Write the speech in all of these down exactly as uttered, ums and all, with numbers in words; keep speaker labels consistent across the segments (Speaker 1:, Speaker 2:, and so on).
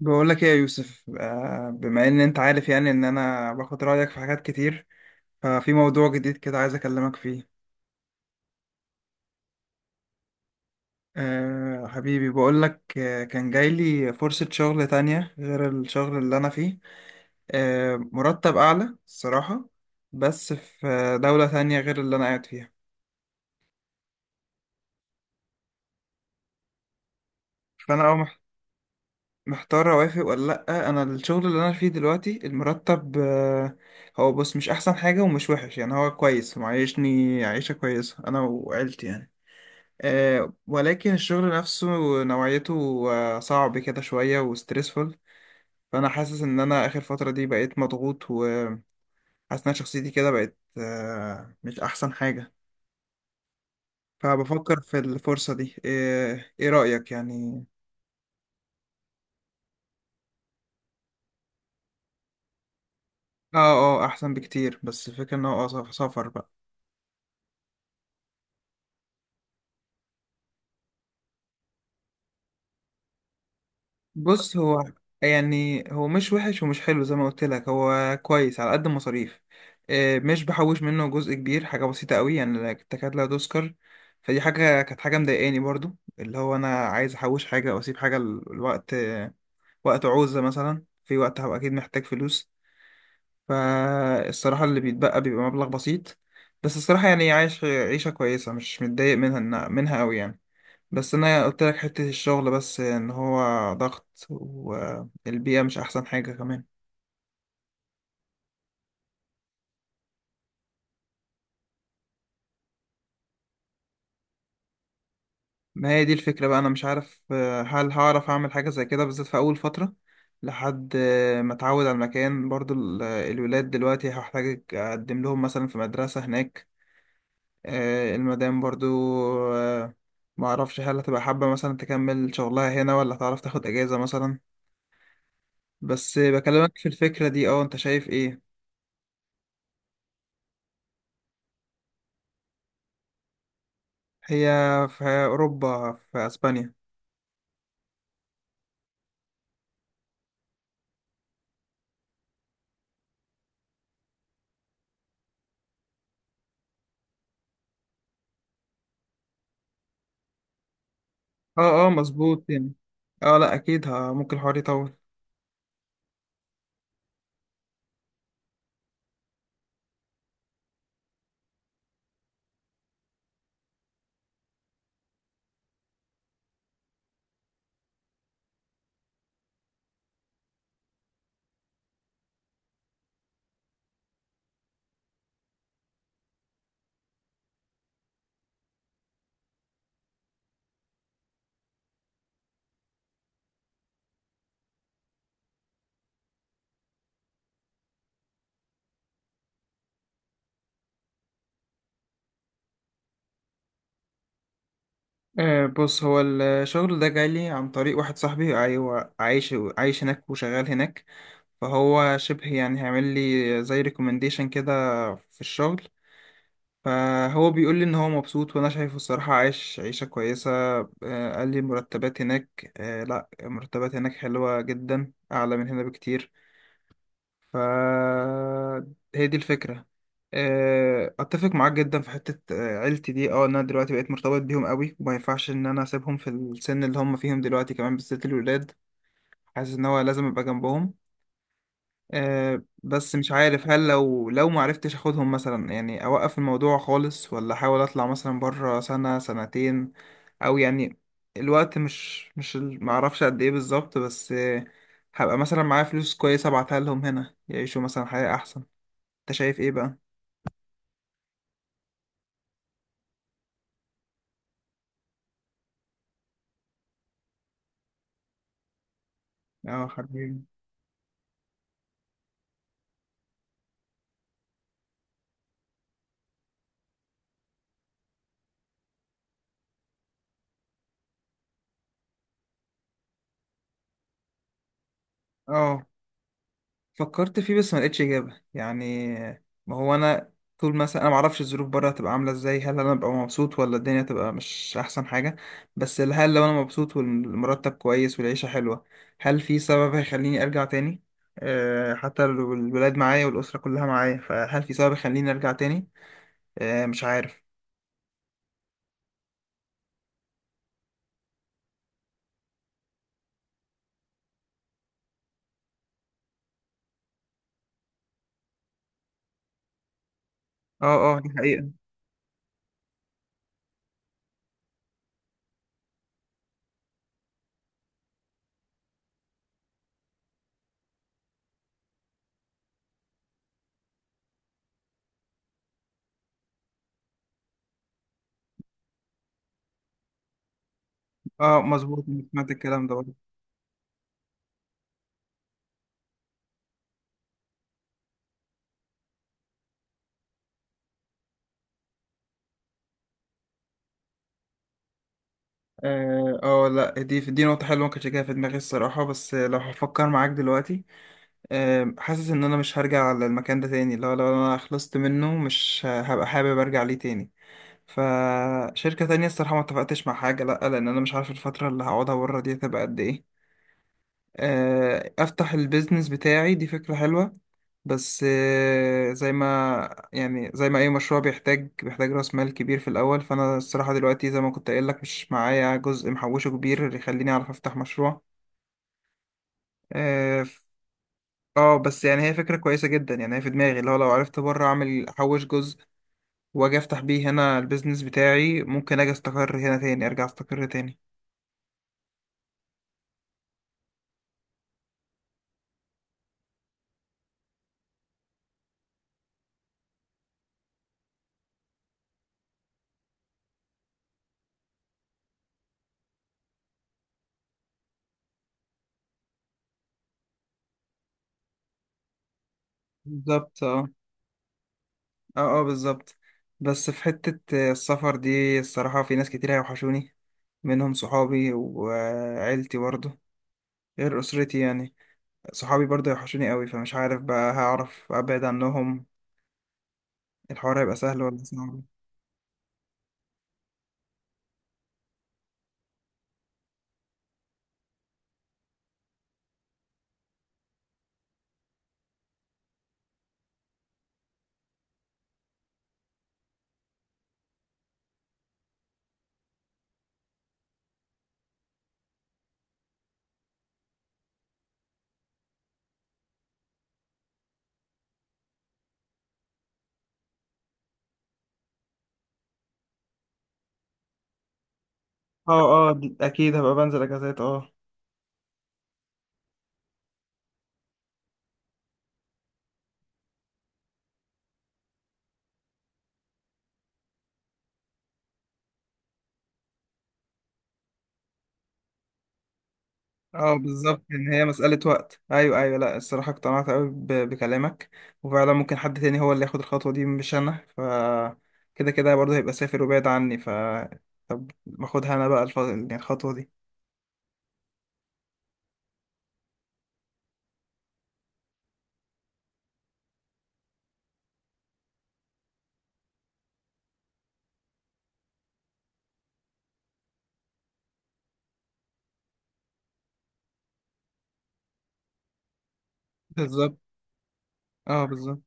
Speaker 1: بقول لك ايه يا يوسف، آه، بما ان انت عارف يعني ان انا باخد رايك في حاجات كتير. ففي موضوع جديد كده عايز اكلمك فيه. أه حبيبي، بقول لك آه، كان جاي لي فرصه شغل تانية غير الشغل اللي انا فيه. أه مرتب اعلى الصراحه. بس في آه، دوله تانية غير اللي انا قاعد فيها. فانا أو مح- محتار اوافق ولا لا. انا الشغل اللي انا فيه دلوقتي المرتب أه هو بص مش احسن حاجه ومش وحش، يعني هو كويس معيشني عيشه كويسه انا وعيلتي يعني. آه، ولكن الشغل نفسه، نوعيته، آه، صعب كده شوية وستريسفul. فأنا حاسس إن أنا آخر فترة دي بقيت مضغوط وحاسس إن شخصيتي كده بقت آه، مش أحسن حاجة. فبفكر في الفرصة دي. إيه, إيه رأيك يعني؟ آه، آه أحسن بكتير، بس الفكرة إن هو آه، سفر بقى. بص هو يعني هو مش وحش ومش حلو، زي ما قلت لك هو كويس على قد المصاريف. آه، مش بحوش منه جزء كبير، حاجة بسيطة قوي يعني لا- تكاد لا تذكر. فدي حاجة كانت حاجة مضايقاني برضو، اللي هو أنا عايز أحوش حاجة أو أسيب حاجة ال- الوقت آه، وقت عوزة مثلا، في وقت هبقى أكيد محتاج فلوس. فالصراحة اللي بيتبقى بيبقى مبلغ بسيط. بس الصراحة يعني عايش عيشة كويسة، مش متضايق منها منها قوي يعني. بس انا قلت لك حتة الشغل، بس ان هو ضغط والبيئة مش احسن حاجة كمان. ما هي دي الفكرة بقى، انا مش عارف آه، هل هعرف اعمل حاجة زي كده بالذات في اول فترة، لحد آه، ما اتعود على المكان. برضو ال- آه، الولاد دلوقتي هحتاج اقدم لهم مثلا في مدرسة هناك. آه، المدام برضو، آه، ما اعرفش هل هتبقى حابة مثلا تكمل شغلها هنا، ولا هتعرف تاخد اجازة مثلا. بس بكلمك في الفكرة دي. اه، انت شايف ايه؟ هي في اوروبا، في اسبانيا. اه، اه، مظبوط يعني. اه، لا اكيد، ها ممكن الحوار يطول. آه بص، هو الشغل ده جالي عن طريق واحد صاحبي، ايوه عايش عايش هناك وشغال هناك. فهو شبه يعني هيعمل لي زي ريكومنديشن كده، في الشغل. فهو بيقول لي ان هو مبسوط، وانا شايفه الصراحة عايش عيشة كويسة. آه قال لي مرتبات هناك، آه لا مرتبات هناك حلوة جدا، اعلى من هنا بكتير. فهي دي الفكرة. آه، اتفق معاك جدا في حتة آه، عيلتي دي، اه إن انا دلوقتي بقيت مرتبط بيهم قوي وما ينفعش ان انا اسيبهم في السن اللي هم فيهم دلوقتي، كمان بالذات الولاد. حاسس ان هو لازم ابقى جنبهم. آه، بس مش عارف هل لو لو ما عرفتش اخدهم مثلا، يعني اوقف الموضوع خالص ولا احاول اطلع مثلا بره سنة سنتين. او يعني، الوقت مش مش ال- ما اعرفش قد ايه بالظبط، بس آه، هبقى مثلا معايا فلوس كويسة، ابعتها لهم هنا يعيشوا مثلا حياة احسن. انت شايف ايه بقى؟ اه حبيبي. اه. فكرت فيه، بس ما لقيتش اجابه يعني. ما هو انا، طول مثلا انا ما اعرفش الظروف بره هتبقى عامله ازاي، هل انا ابقى مبسوط ولا الدنيا تبقى مش احسن حاجه. بس هل لو انا مبسوط والمرتب كويس والعيشه حلوه، هل في سبب هيخليني ارجع تاني؟ أه حتى لو الولاد معايا والاسره كلها معايا، فهل في سبب يخليني ارجع تاني؟ أه مش عارف. اه، اه، دي حقيقه. اه، مظبوط. سمعت الكلام ده. اه، آه، لا دي دي نقطة حلوة ما كنتش جاية في دماغي الصراحة، بس آه، لو هفكر معاك دلوقتي، آه، حاسس ان انا مش هرجع على المكان ده تاني، لو لو انا خلصت منه مش ه- هبقى حابب ارجع ليه تاني. فشركة تانية الصراحة ما اتفقتش مع حاجة، لا لان انا مش عارف الفترة اللي هقعدها بره دي هتبقى قد ايه. آه، افتح البيزنس بتاعي دي فكرة حلوة. بس آه، زي ما يعني زي ما اي مشروع بيحتاج بيحتاج راس مال كبير في الاول، فانا الصراحه دلوقتي زي ما كنت قايل لك مش معايا جزء محوشه كبير اللي يخليني اعرف افتح مشروع. اه ف- آه، بس يعني هي فكره كويسه جدا، يعني هي في دماغي اللي هو لو عرفت بره اعمل احوش جزء، واجي افتح بيه هنا البيزنس بتاعي، ممكن اجي استقر هنا تاني ارجع استقر تاني. بالظبط اه. اه، اه، بالظبط. بس في حتة، آه، السفر دي الصراحة في ناس كتير هيوحشوني، منهم صحابي وعيلتي برضه، غير أسرتي يعني. صحابي برضه يوحشوني قوي، فمش عارف بقى هعرف أبعد عنهم، الحوار هيبقى سهل ولا صعب. اه، اه، دي- اكيد هبقى بنزل اجازات اه. اه، بالظبط يعني هي مسألة وقت. أيوه، أيوه، لأ الصراحة اقتنعت قوي ب- بكلامك، وفعلا ممكن حد تاني هو اللي ياخد الخطوة دي مش أنا. ف كده كده برضه هيبقى سافر وبعيد عني. ف طب باخدها أنا بقى الف... يعني الخطوة دي. بالظبط، اه، بالظبط.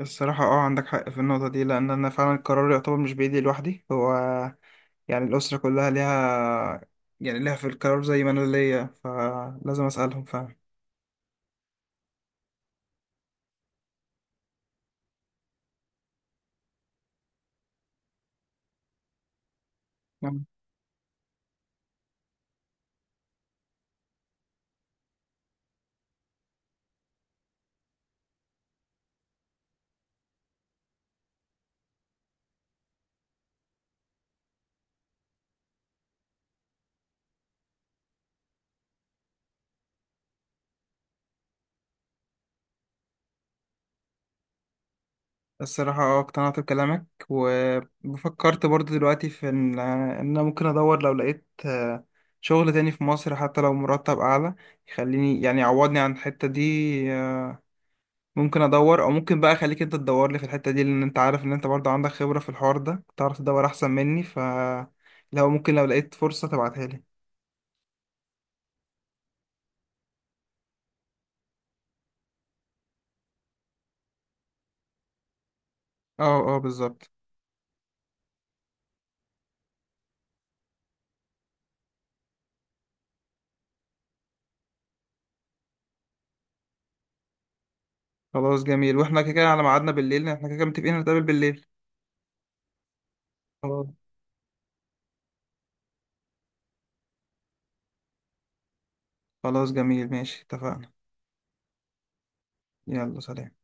Speaker 1: الصراحة اه عندك حق في النقطة دي، لأن أنا فعلا القرار يعتبر مش بإيدي لوحدي. هو يعني الأسرة كلها ليها، يعني ليها في القرار زي ما أنا ليا، فلازم أسألهم فعلا. مم. الصراحة اه اقتنعت بكلامك، وفكرت برضه دلوقتي في إن إن أنا ممكن أدور، لو لقيت آه، شغل تاني في مصر حتى لو مرتب أعلى يخليني يعني يعوضني عن الحتة دي. آه، ممكن أدور، أو ممكن بقى أخليك أنت تدور لي في الحتة دي، لأن أنت عارف إن أنت برضه عندك خبرة في الحوار ده تعرف تدور أحسن مني. ف لو ممكن، لو لقيت فرصة تبعتها لي. اه، اه، بالظبط. خلاص جميل، واحنا كده كده على ميعادنا بالليل، احنا كده كده متفقين نتقابل بالليل. خلاص. خلاص جميل، ماشي اتفقنا. يلا سلام.